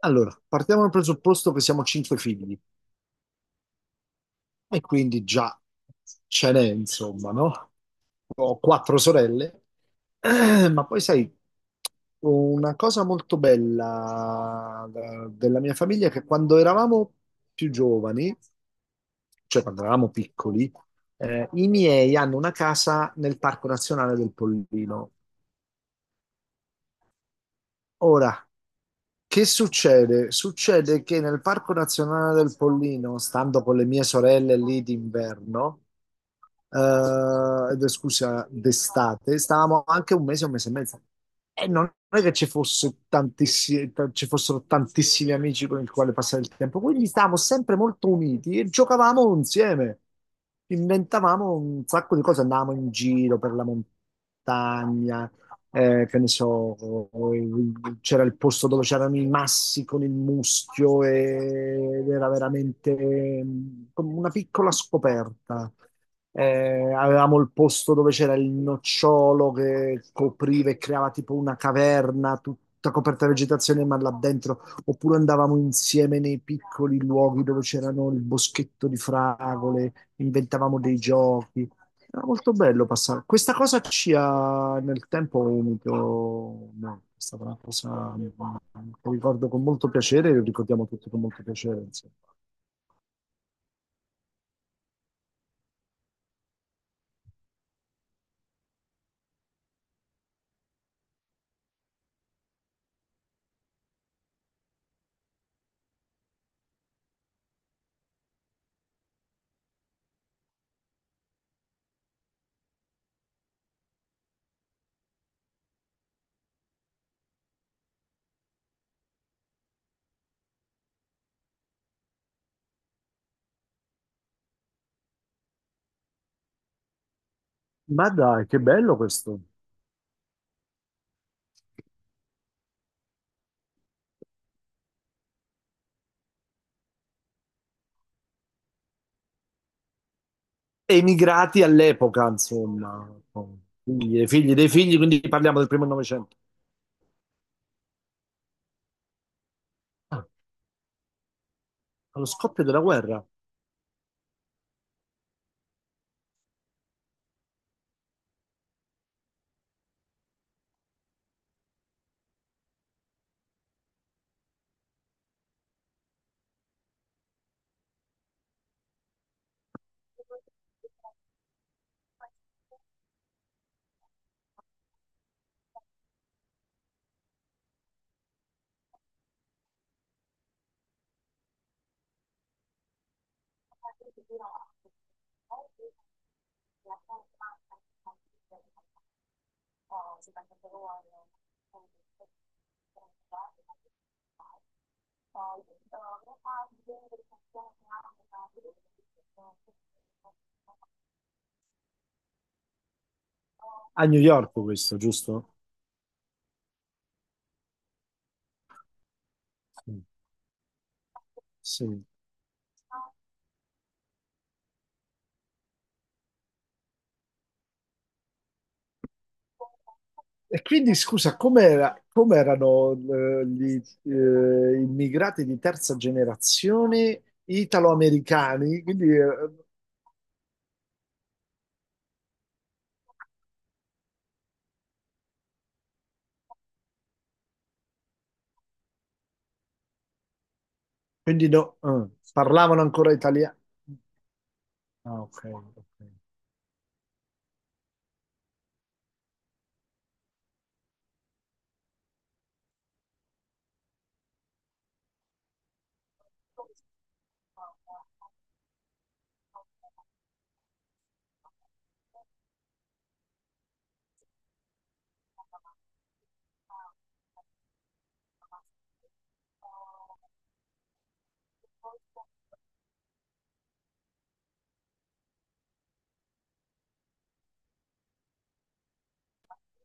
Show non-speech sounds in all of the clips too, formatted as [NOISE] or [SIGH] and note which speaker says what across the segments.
Speaker 1: Allora, partiamo dal presupposto che siamo cinque figli e quindi già ce n'è, insomma, no? Ho quattro sorelle, [CLEARS THROAT] ma poi sai, una cosa molto bella della mia famiglia è che quando eravamo più giovani, cioè quando eravamo piccoli, i miei hanno una casa nel Parco Nazionale del Pollino. Ora, che succede? Succede che nel Parco Nazionale del Pollino, stando con le mie sorelle lì d'inverno, d'estate, stavamo anche un mese e mezzo. E non è che ci fossero tantissimi amici con i quali passare il tempo, quindi stavamo sempre molto uniti e giocavamo insieme. Inventavamo un sacco di cose, andavamo in giro per la montagna, che ne so, c'era il posto dove c'erano i massi con il muschio ed era veramente come una piccola scoperta. Avevamo il posto dove c'era il nocciolo che copriva e creava tipo una caverna tutta coperta di vegetazione, ma là dentro. Oppure andavamo insieme nei piccoli luoghi dove c'erano il boschetto di fragole, inventavamo dei giochi. Era molto bello passare. Questa cosa ci ha nel tempo unito molto. È stata una cosa che ricordo con molto piacere e lo ricordiamo tutti con molto piacere, insomma. Ma dai, che bello questo. Emigrati all'epoca, insomma, figli, dei figli dei figli, quindi parliamo del primo Novecento. Ah, allo scoppio della guerra a New York, questo, giusto? Sì. E quindi scusa, com'era, com'erano gli immigrati di terza generazione italo-americani? Quindi, quindi no, parlavano ancora italiano. Ah, ok, ok.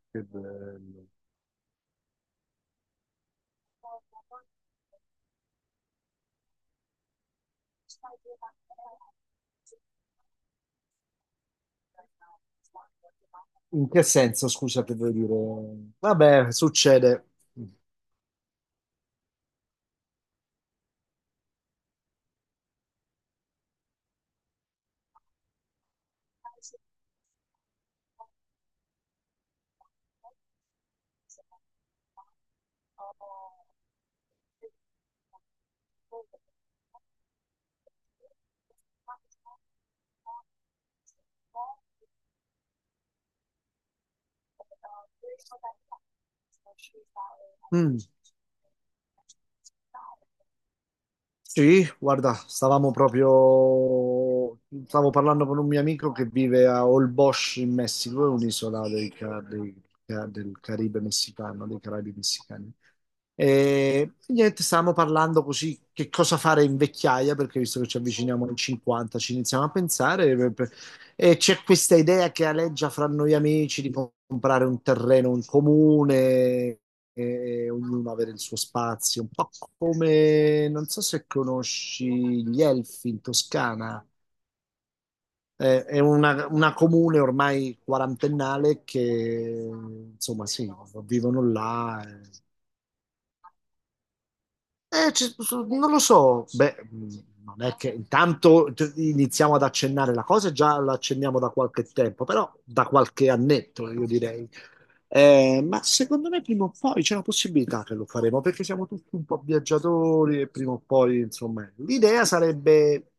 Speaker 1: Che bello. In che senso, scusa, che vuoi dire? Vabbè, succede. Mm. Sì, guarda, stavamo proprio, stavo parlando con un mio amico che vive a Holbox in Messico, è un'isola dei del Caribe messicano, dei Caraibi messicani. E niente, stavamo parlando così che cosa fare in vecchiaia, perché visto che ci avviciniamo ai 50, ci iniziamo a pensare, e c'è questa idea che aleggia fra noi amici di comprare un terreno in comune e ognuno avere il suo spazio, un po' come, non so se conosci gli Elfi in Toscana. È una comune ormai quarantennale che, insomma, sì, vivono là, non lo so, beh, non è che iniziamo ad accennare la cosa, già la accenniamo da qualche tempo, però da qualche annetto, io direi. Ma secondo me prima o poi c'è una possibilità che lo faremo, perché siamo tutti un po' viaggiatori e prima o poi, insomma, l'idea sarebbe,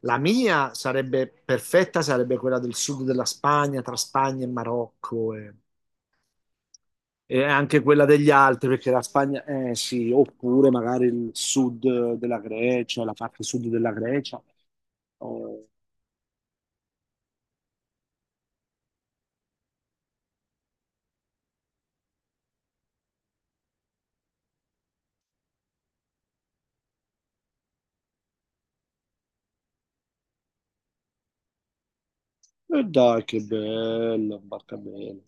Speaker 1: la mia sarebbe perfetta, sarebbe quella del sud della Spagna, tra Spagna e Marocco. E anche quella degli altri, perché la Spagna, eh sì, oppure magari il sud della Grecia, la parte sud della Grecia. Oh. E dai, che bello, barca bella.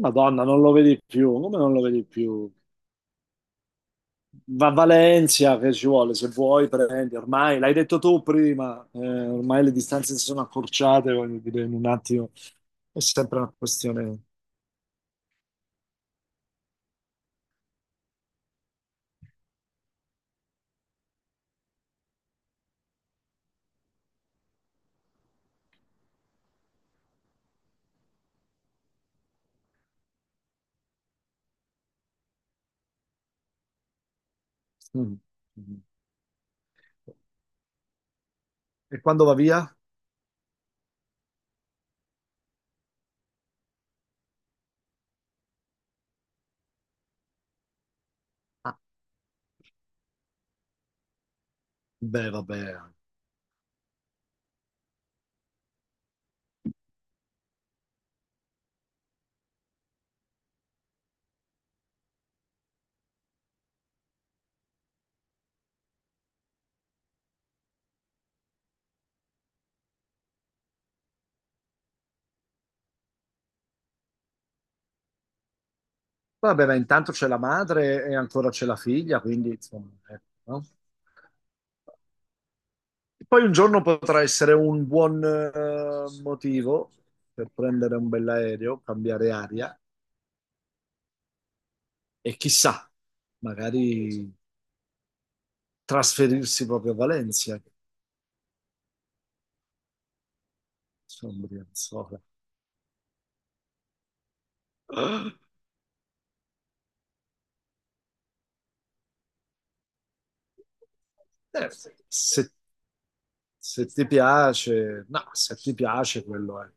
Speaker 1: Madonna, non lo vedi più, come non lo vedi più? Va a Valencia, che ci vuole, se vuoi prendi, ormai l'hai detto tu prima, ormai le distanze si sono accorciate, voglio dire, in un attimo è sempre una questione. Mm. E quando va via? Ah, beh, vabbè. Vabbè, ma intanto c'è la madre e ancora c'è la figlia, quindi insomma, ecco, no? Poi un giorno potrà essere un buon motivo per prendere un bell'aereo, cambiare aria e chissà, magari trasferirsi proprio a Valencia, insomma, non so. Eh, se, se ti piace, no, se ti piace quello è.